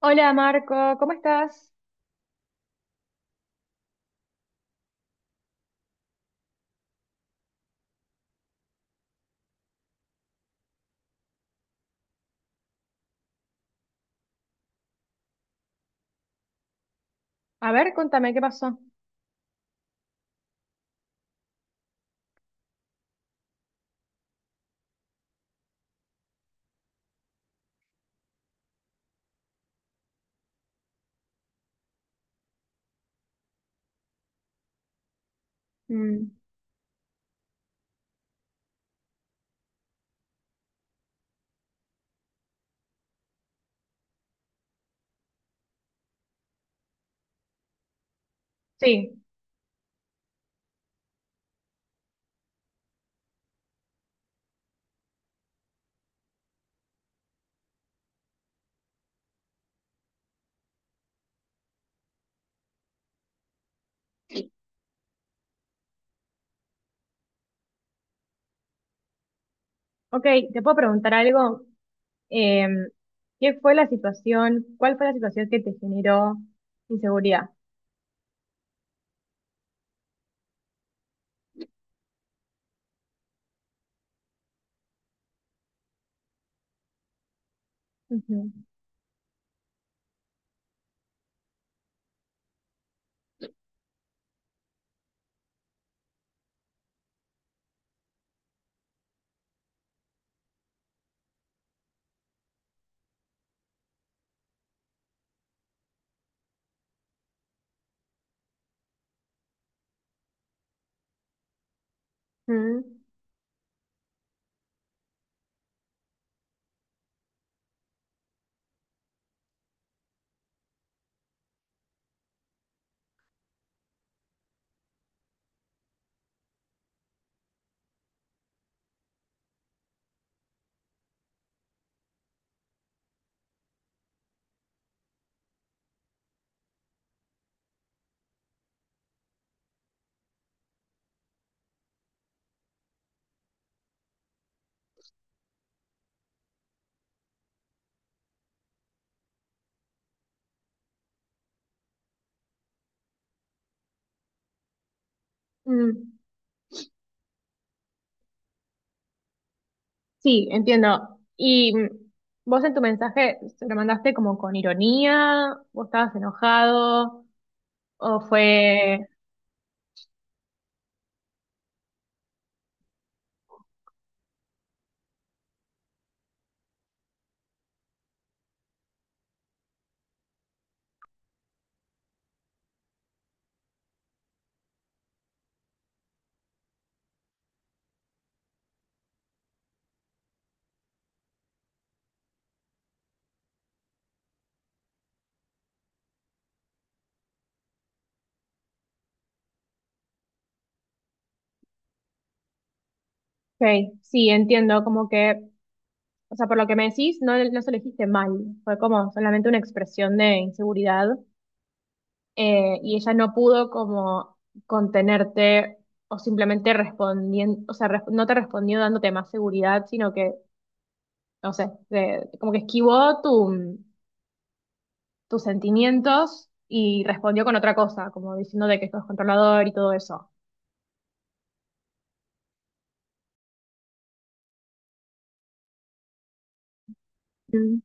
Hola Marco, ¿cómo estás? A ver, contame qué pasó. Mm, sí, ok, te puedo preguntar algo. Eh, ¿Qué fue la situación? ¿Cuál fue la situación que te generó inseguridad? Ujú. Mm, mm, sí, entiendo. Vos en tu mensaje se lo mandaste como con ironía, vos estabas enojado, o fue... Ok, sí, entiendo, como que. O sea, por lo que me decís, no, no se lo dijiste mal, fue como solamente una expresión de inseguridad, y ella no pudo como contenerte o simplemente respondiendo, o sea, no te respondió dándote más seguridad, sino que, no sé, como que esquivó tu, tus sentimientos y respondió con otra cosa, como diciendo de que sos controlador y todo eso. Mm,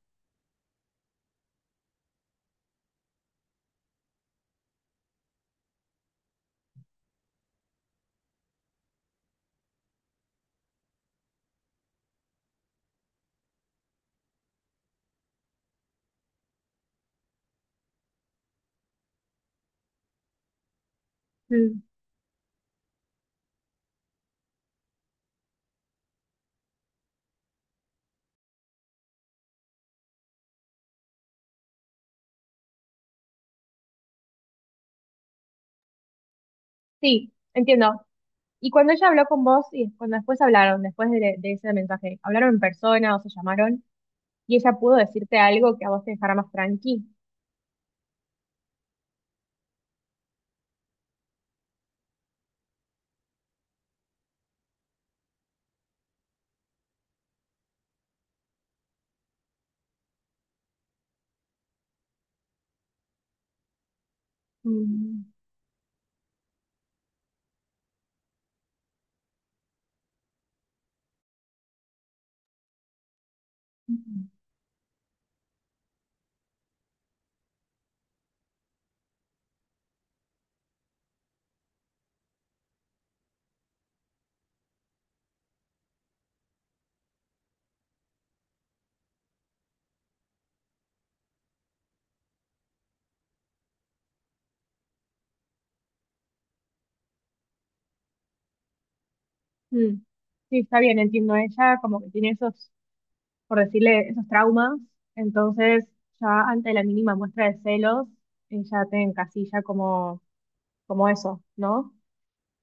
mm. Sí, entiendo. Y cuando ella habló con vos y cuando después hablaron, después de ese mensaje, ¿hablaron en persona o se llamaron? Y ella pudo decirte algo que a vos te dejara más tranqui. Mm, mm, mm. Sí, está bien, entiendo. Ella como que tiene esos, por decirle, esos traumas. Entonces, ya ante la mínima muestra de celos, ella te encasilla como, como eso, ¿no?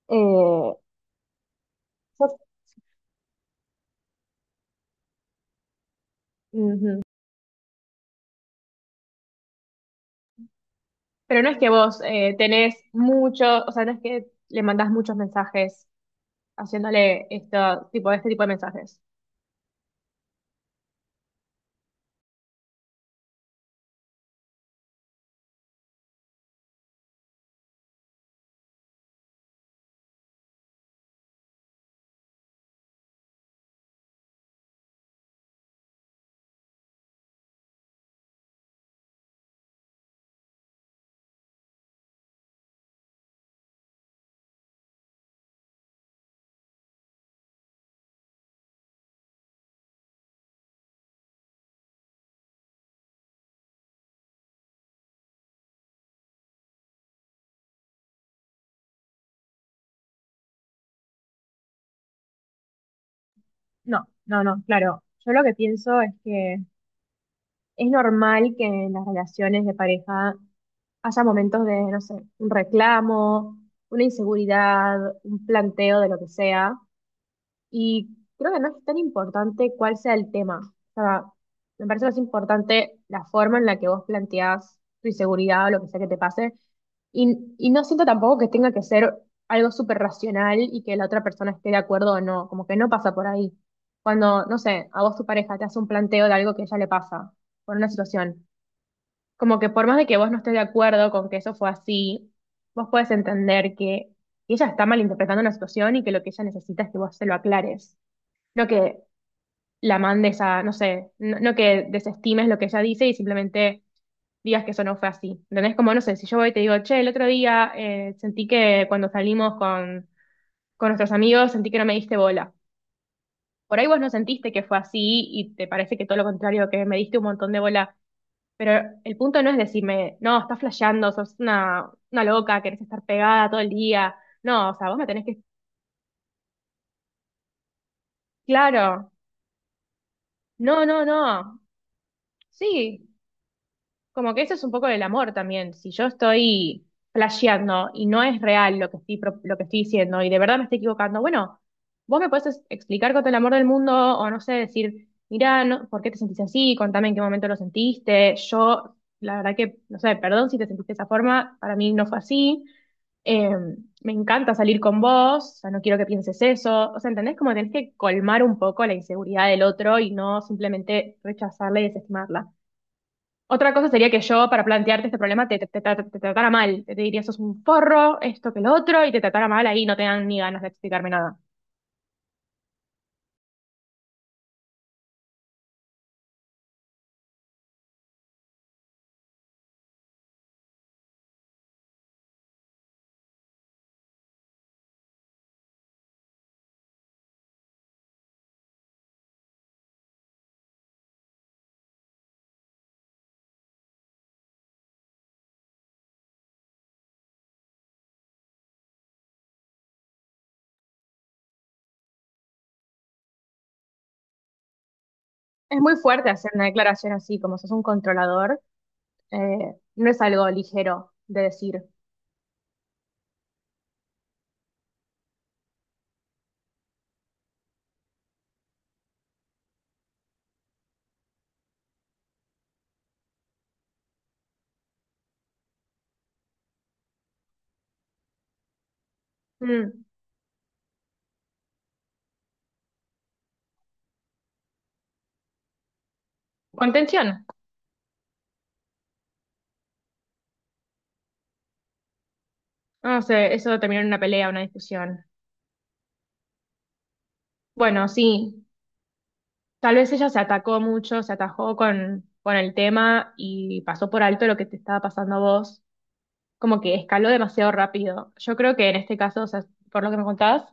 Eh, yo. Ujú. Pero no es que vos tenés mucho, o sea, no es que le mandás muchos mensajes haciéndole esto, tipo, este tipo de mensajes. No, no, no, claro. Yo lo que pienso es que es normal que en las relaciones de pareja haya momentos de, no sé, un reclamo, una inseguridad, un planteo de lo que sea. Y creo que no es tan importante cuál sea el tema. O sea, me parece más importante la forma en la que vos planteás tu inseguridad o lo que sea que te pase. Y no siento tampoco que tenga que ser algo súper racional y que la otra persona esté de acuerdo o no. Como que no pasa por ahí. Cuando, no sé, a vos tu pareja te hace un planteo de algo que a ella le pasa por una situación, como que por más de que vos no estés de acuerdo con que eso fue así, vos puedes entender que ella está malinterpretando una situación y que lo que ella necesita es que vos se lo aclares. No que la mandes a, no sé, no, no que desestimes lo que ella dice y simplemente digas que eso no fue así. ¿Entendés? Como, no sé, si yo voy y te digo, che, el otro día sentí que cuando salimos con nuestros amigos sentí que no me diste bola. Por ahí vos no sentiste que fue así y te parece que todo lo contrario, que me diste un montón de bola, pero el punto no es decirme, no, estás flasheando, sos una loca, querés estar pegada todo el día. No, o sea, vos me tenés que... Claro, no, no, no. Sí, como que eso es un poco del amor también. Si yo estoy flasheando y no es real lo que estoy, lo que estoy diciendo y de verdad me estoy equivocando, bueno, vos me podés explicar con todo el amor del mundo, o no sé, decir, mira, no, ¿por qué te sentís así? Contame en qué momento lo sentiste. Yo, la verdad que, no sé, perdón si te sentiste de esa forma, para mí no fue así. Eh, me encanta salir con vos, o sea, no quiero que pienses eso. O sea, ¿entendés? Como tenés que colmar un poco la inseguridad del otro y no simplemente rechazarla y desestimarla. Otra cosa sería que yo, para plantearte este problema, te, te tratara mal. Te diría, sos un forro, esto que lo otro, y te tratara mal ahí, no te dan ni ganas de explicarme nada. Es muy fuerte hacer una declaración así, como sos un controlador, no es algo ligero de decir. Mm. Contención. No sé, eso terminó en una pelea, una discusión. Bueno, sí, tal vez ella se atacó mucho, se atajó con el tema y pasó por alto lo que te estaba pasando a vos. Como que escaló demasiado rápido. Yo creo que en este caso, o sea, por lo que me contabas,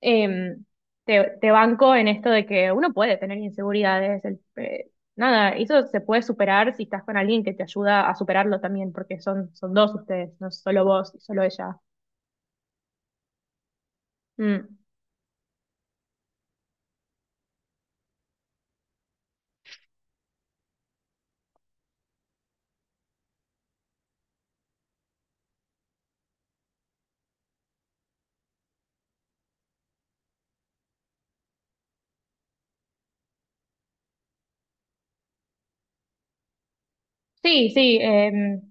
em, te, te banco en esto de que uno puede tener inseguridades. Nada, eso se puede superar si estás con alguien que te ayuda a superarlo también, porque son, son dos ustedes, no solo vos y solo ella. Mm. Sí, sí,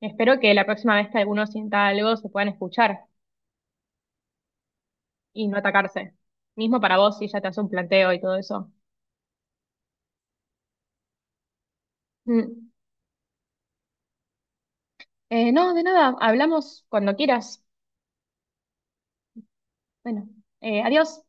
espero que la próxima vez que alguno sienta algo se puedan escuchar y no atacarse. Mismo para vos si ella te hace un planteo y todo eso. Mm. No, de nada, hablamos cuando quieras. Bueno, adiós.